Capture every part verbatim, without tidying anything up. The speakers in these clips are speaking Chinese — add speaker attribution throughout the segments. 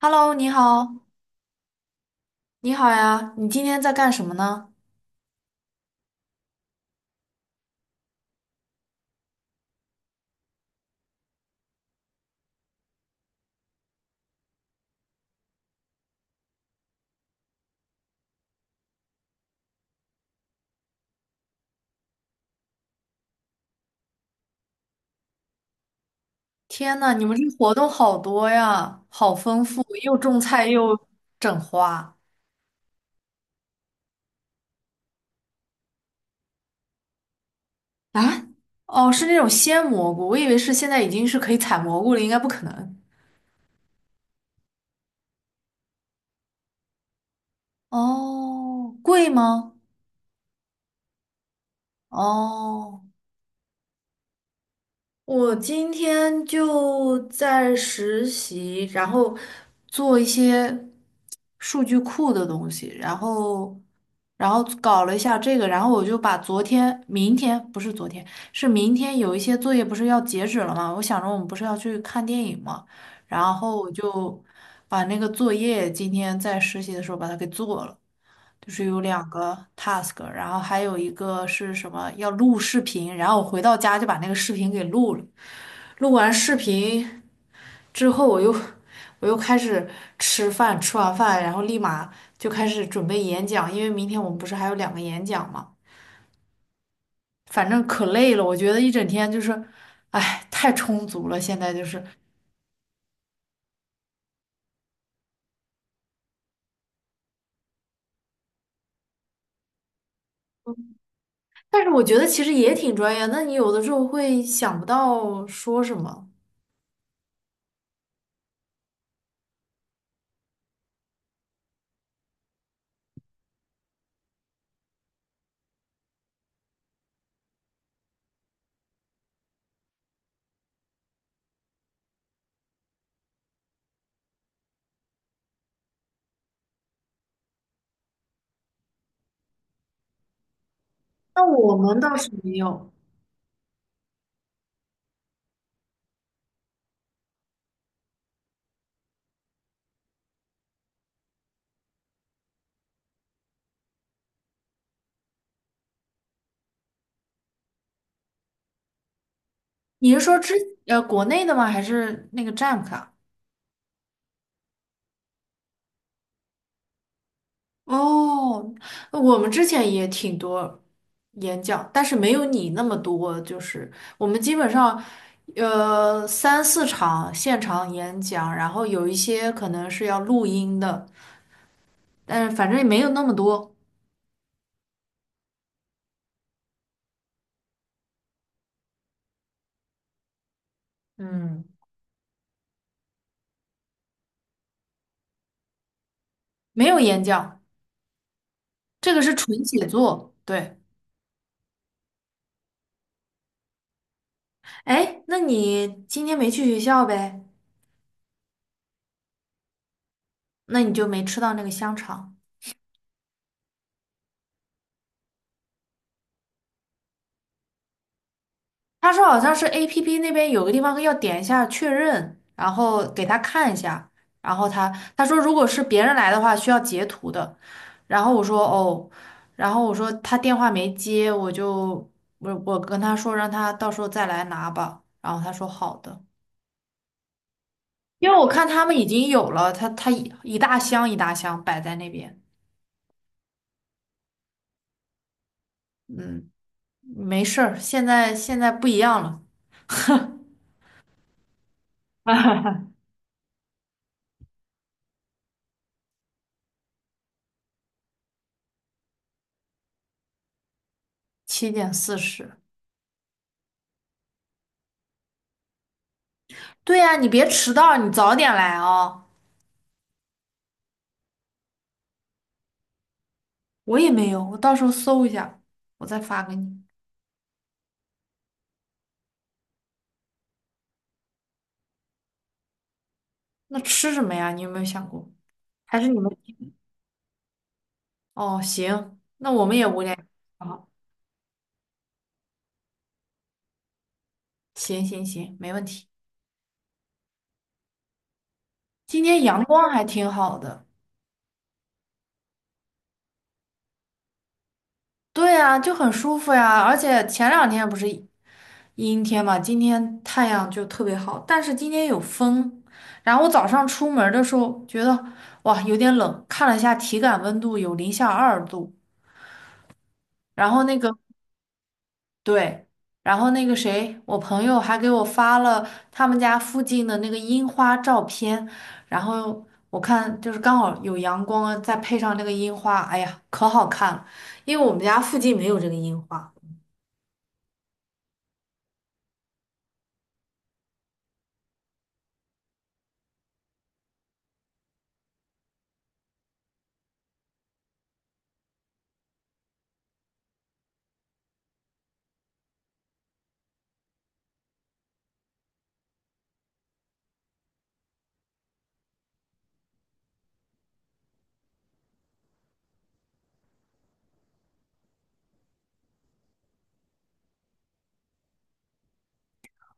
Speaker 1: Hello，你好，你好呀，你今天在干什么呢？天呐，你们这活动好多呀，好丰富，又种菜又整花啊！哦，是那种鲜蘑菇，我以为是现在已经是可以采蘑菇了，应该不可能。哦，贵吗？哦。我今天就在实习，然后做一些数据库的东西，然后然后搞了一下这个，然后我就把昨天、明天不是昨天，是明天有一些作业不是要截止了吗？我想着我们不是要去看电影吗？然后我就把那个作业今天在实习的时候把它给做了。就是有两个 task，然后还有一个是什么要录视频，然后我回到家就把那个视频给录了。录完视频之后，我又我又开始吃饭，吃完饭，然后立马就开始准备演讲，因为明天我们不是还有两个演讲嘛。反正可累了，我觉得一整天就是，哎，太充足了。现在就是，但是我觉得其实也挺专业。那你有的时候会想不到说什么，那我们倒是没有。你是说之呃国内的吗？还是那个 Jamk 啊？哦，我们之前也挺多演讲，但是没有你那么多。就是我们基本上，呃，三四场现场演讲，然后有一些可能是要录音的，但是反正也没有那么多，嗯，没有演讲，这个是纯写作。对，哎，那你今天没去学校呗？那你就没吃到那个香肠。他说好像是 A P P 那边有个地方要点一下确认，然后给他看一下，然后他他说如果是别人来的话需要截图的，然后我说哦，然后我说他电话没接，我就我我跟他说让他到时候再来拿吧，然后他说好的，因为我看他们已经有了，他他一一大箱一大箱摆在那边，嗯，没事儿，现在现在不一样了，七点四十。对呀，你别迟到，你早点来哦。我也没有，我到时候搜一下，我再发给你。那吃什么呀？你有没有想过？还是你们？哦，行，那我们也无聊。好，行行行，没问题。今天阳光还挺好的。对呀，就很舒服呀。而且前两天不是阴天嘛，今天太阳就特别好，但是今天有风。然后我早上出门的时候觉得哇有点冷，看了一下体感温度有零下二度，然后那个。对，然后那个谁，我朋友还给我发了他们家附近的那个樱花照片，然后我看就是刚好有阳光啊再配上那个樱花，哎呀，可好看了。因为我们家附近没有这个樱花。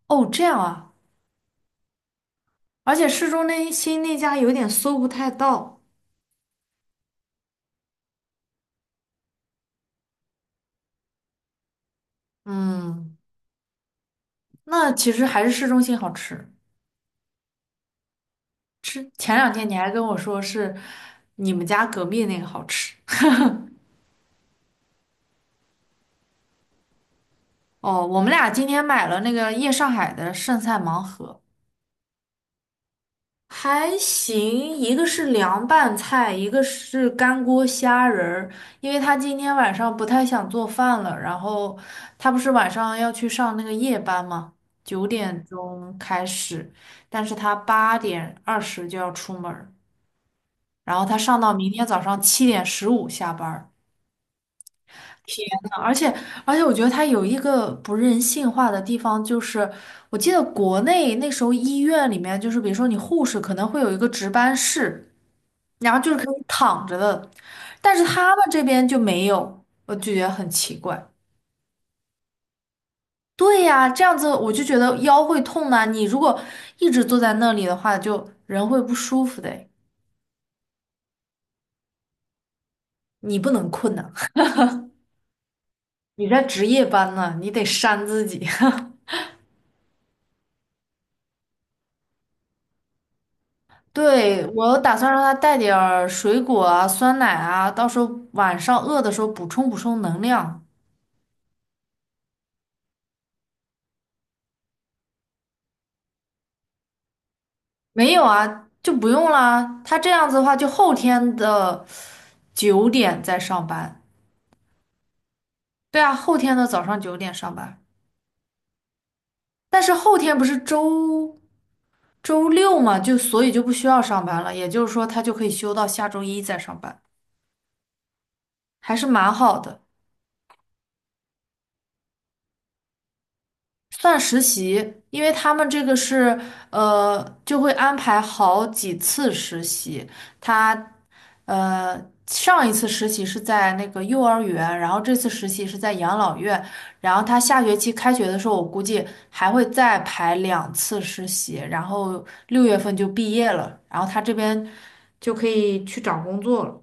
Speaker 1: 哦，这样啊，而且市中那心那家有点搜不太到。嗯，那其实还是市中心好吃。吃前两天你还跟我说是你们家隔壁那个好吃。哦，我们俩今天买了那个夜上海的剩菜盲盒。还行，一个是凉拌菜，一个是干锅虾仁儿。因为他今天晚上不太想做饭了，然后他不是晚上要去上那个夜班吗？九点钟开始，但是他八点二十就要出门儿，然后他上到明天早上七点十五下班儿。嗯而且而且，我觉得他有一个不人性化的地方，就是我记得国内那时候医院里面，就是比如说你护士可能会有一个值班室。然后就是可以躺着的，但是他们这边就没有，我就觉得很奇怪。对呀，这样子我就觉得腰会痛呐、你如果一直坐在那里的话，就人会不舒服的诶你不能困呐、你在值夜班呢、你得扇自己。对，我打算让他带点儿水果啊、酸奶啊，到时候晚上饿的时候补充补充能量。没有啊，就不用啦。他这样子的话，就后天的九点再上班。对啊，后天的早上九点上班，但是后天不是周周六嘛，就所以就不需要上班了，也就是说他就可以休到下周一再上班，还是蛮好的。算实习，因为他们这个是呃，就会安排好几次实习。他呃，上一次实习是在那个幼儿园，然后这次实习是在养老院，然后他下学期开学的时候，我估计还会再排两次实习，然后六月份就毕业了，然后他这边就可以去找工作了。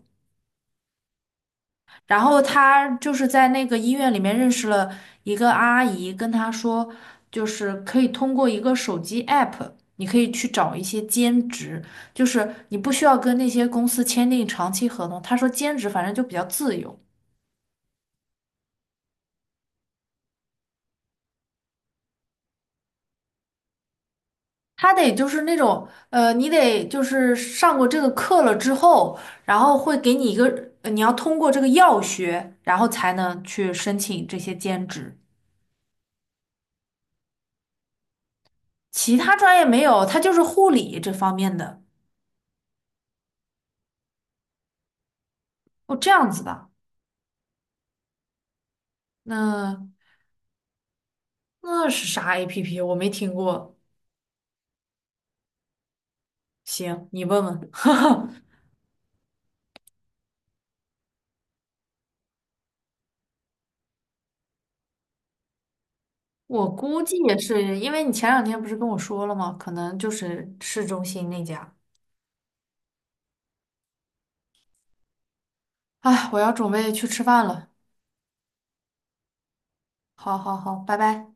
Speaker 1: 然后他就是在那个医院里面认识了一个阿姨，跟他说，就是可以通过一个手机 app,你可以去找一些兼职，就是你不需要跟那些公司签订长期合同。他说兼职反正就比较自由，他得就是那种呃，你得就是上过这个课了之后，然后会给你一个，呃你要通过这个药学，然后才能去申请这些兼职。其他专业没有，他就是护理这方面的，哦，这样子的。那那是啥 A P P?我没听过。行，你问问。哈哈，我估计也是，因为你前两天不是跟我说了吗？可能就是市中心那家。哎，我要准备去吃饭了。好好好，拜拜。